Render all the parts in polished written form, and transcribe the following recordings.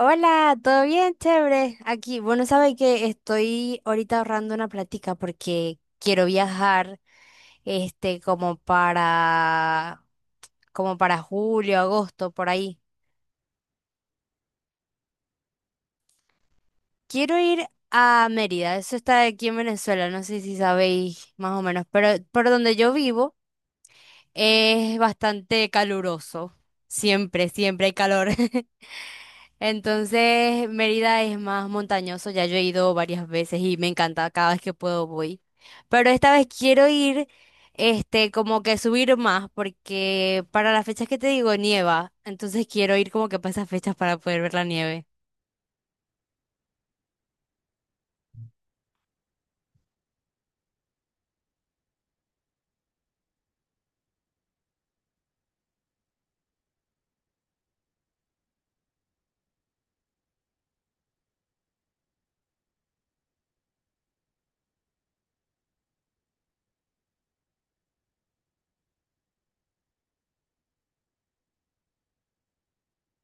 Hola, ¿todo bien? Chévere. Aquí, bueno, sabe que estoy ahorita ahorrando una platica porque quiero viajar, como para, como para julio, agosto, por ahí. Quiero ir a Mérida, eso está aquí en Venezuela, no sé si sabéis más o menos, pero por donde yo vivo es bastante caluroso. Siempre, siempre hay calor. Entonces, Mérida es más montañoso, ya yo he ido varias veces y me encanta, cada vez que puedo voy. Pero esta vez quiero ir, como que subir más, porque para las fechas que te digo nieva, entonces quiero ir como que para esas fechas para poder ver la nieve.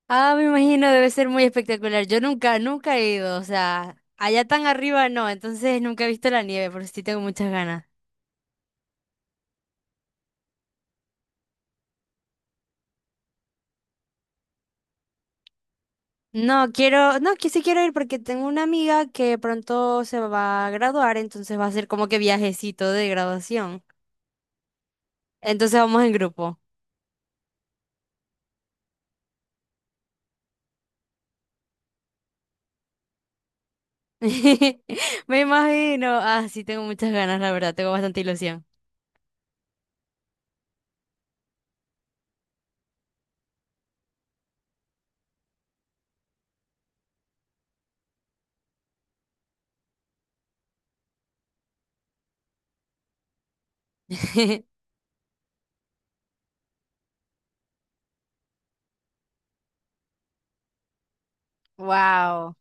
Ah, me imagino, debe ser muy espectacular. Yo nunca, nunca he ido, o sea, allá tan arriba no, entonces nunca he visto la nieve, pero sí tengo muchas ganas. No, quiero, no, que sí quiero ir porque tengo una amiga que pronto se va a graduar, entonces va a ser como que viajecito de graduación. Entonces vamos en grupo. Me imagino. Ah, sí, tengo muchas ganas, la verdad, tengo bastante ilusión. Wow.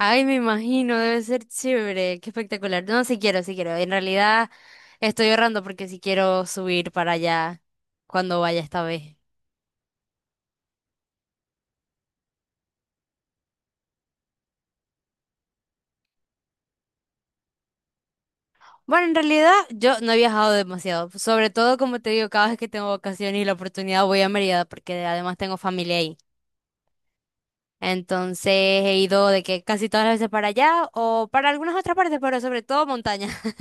Ay, me imagino, debe ser chévere, qué espectacular. No, sí quiero, sí quiero. En realidad estoy ahorrando porque sí quiero subir para allá cuando vaya esta vez. Bueno, en realidad yo no he viajado demasiado, sobre todo como te digo, cada vez que tengo vacaciones y la oportunidad voy a Mérida porque además tengo familia ahí. Entonces he ido de que casi todas las veces para allá o para algunas otras partes, pero sobre todo montaña.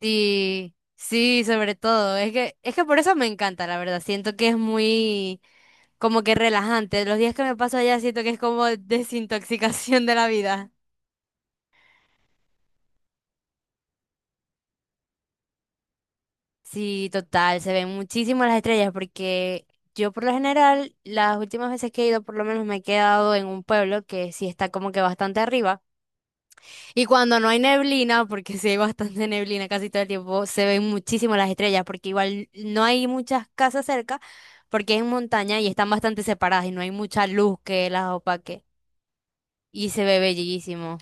Sí, sí, sobre todo. Es que por eso me encanta, la verdad. Siento que es muy como que relajante. Los días que me paso allá siento que es como desintoxicación de la vida. Sí, total, se ven muchísimo las estrellas porque yo por lo general las últimas veces que he ido por lo menos me he quedado en un pueblo que sí está como que bastante arriba y cuando no hay neblina, porque sí hay bastante neblina casi todo el tiempo, se ven muchísimo las estrellas porque igual no hay muchas casas cerca porque es en montaña y están bastante separadas y no hay mucha luz que las opaque y se ve bellísimo,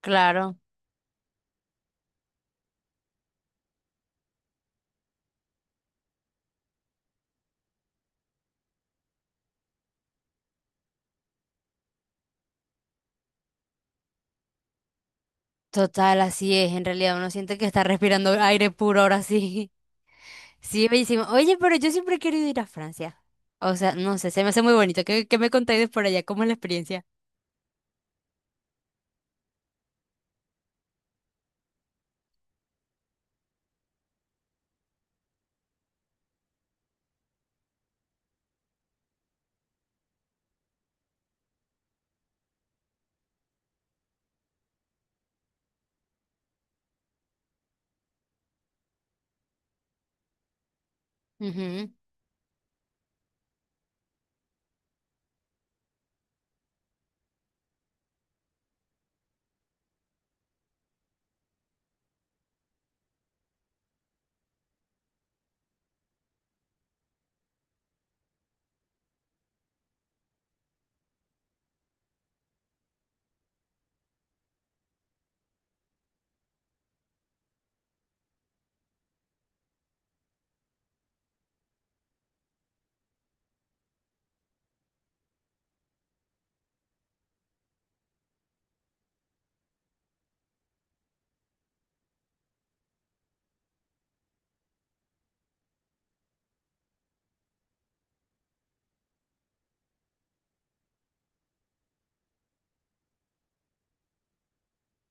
claro, total, así es, en realidad uno siente que está respirando aire puro ahora sí. Sí, bellísimo. Oye, pero yo siempre he querido ir a Francia. O sea, no sé, se me hace muy bonito. ¿Qué, qué me contáis de por allá? ¿Cómo es la experiencia? Ujú.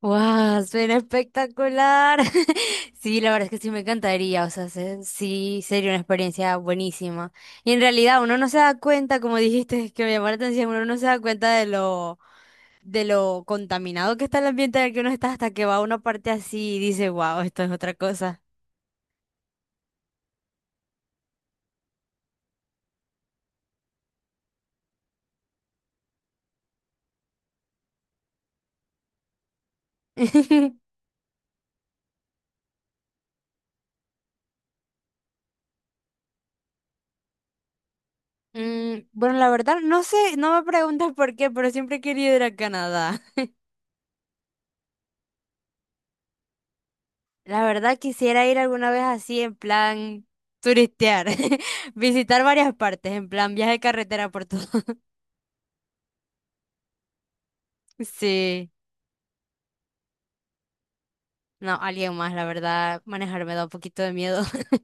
¡Wow! Suena espectacular. Sí, la verdad es que sí me encantaría. O sea, sí, sería una experiencia buenísima. Y en realidad uno no se da cuenta, como dijiste, que me llamó la atención, uno no se da cuenta de lo contaminado que está el ambiente en el que uno está hasta que va a una parte así y dice, wow, esto es otra cosa. Mm, bueno, la verdad, no sé, no me preguntas por qué, pero siempre he querido ir a Canadá. La verdad, quisiera ir alguna vez así, en plan turistear, visitar varias partes, en plan viaje de carretera por todo. Sí, no, alguien más, la verdad, manejar me da un poquito de miedo.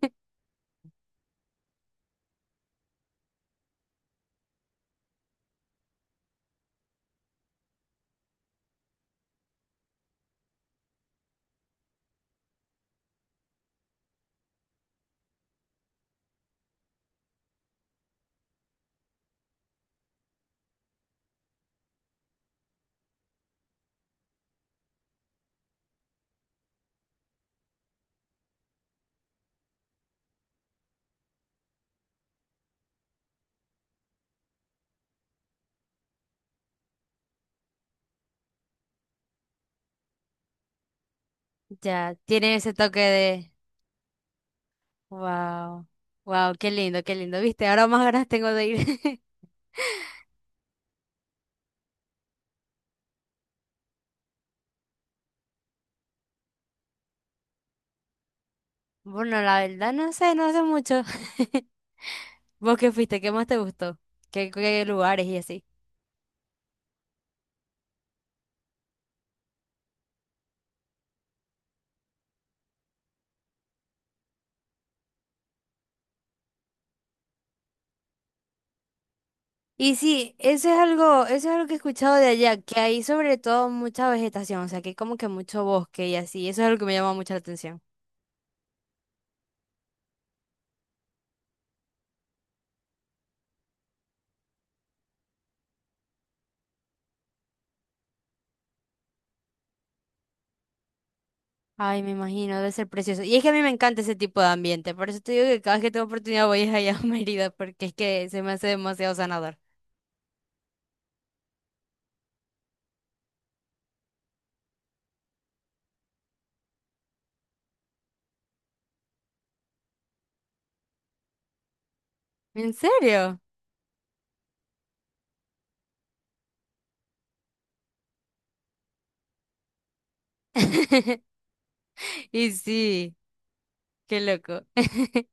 Ya, tiene ese toque de, wow, wow, qué lindo, viste, ahora más ganas tengo de ir. Bueno, la verdad, no sé, no sé mucho. ¿Vos qué fuiste? ¿Qué más te gustó? ¿Qué, qué lugares y así? Y sí, eso es algo que he escuchado de allá, que hay sobre todo mucha vegetación, o sea, que hay como que mucho bosque y así, eso es algo que me llama mucho la atención. Ay, me imagino, debe ser precioso. Y es que a mí me encanta ese tipo de ambiente, por eso te digo que cada vez que tengo oportunidad voy a allá a Mérida, porque es que se me hace demasiado sanador. ¿En serio? Y sí, qué loco.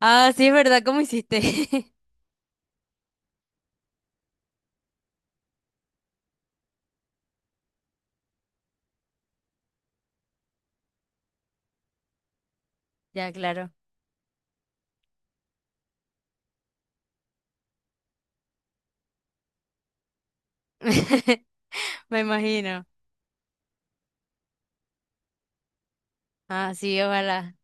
Ah, sí, es verdad, ¿cómo hiciste? Ya, claro. Me imagino. Ah, sí, ojalá.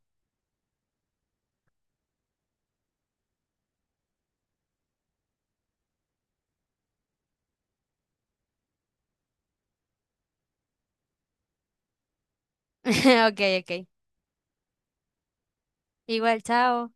Ok, ok. Igual, chao.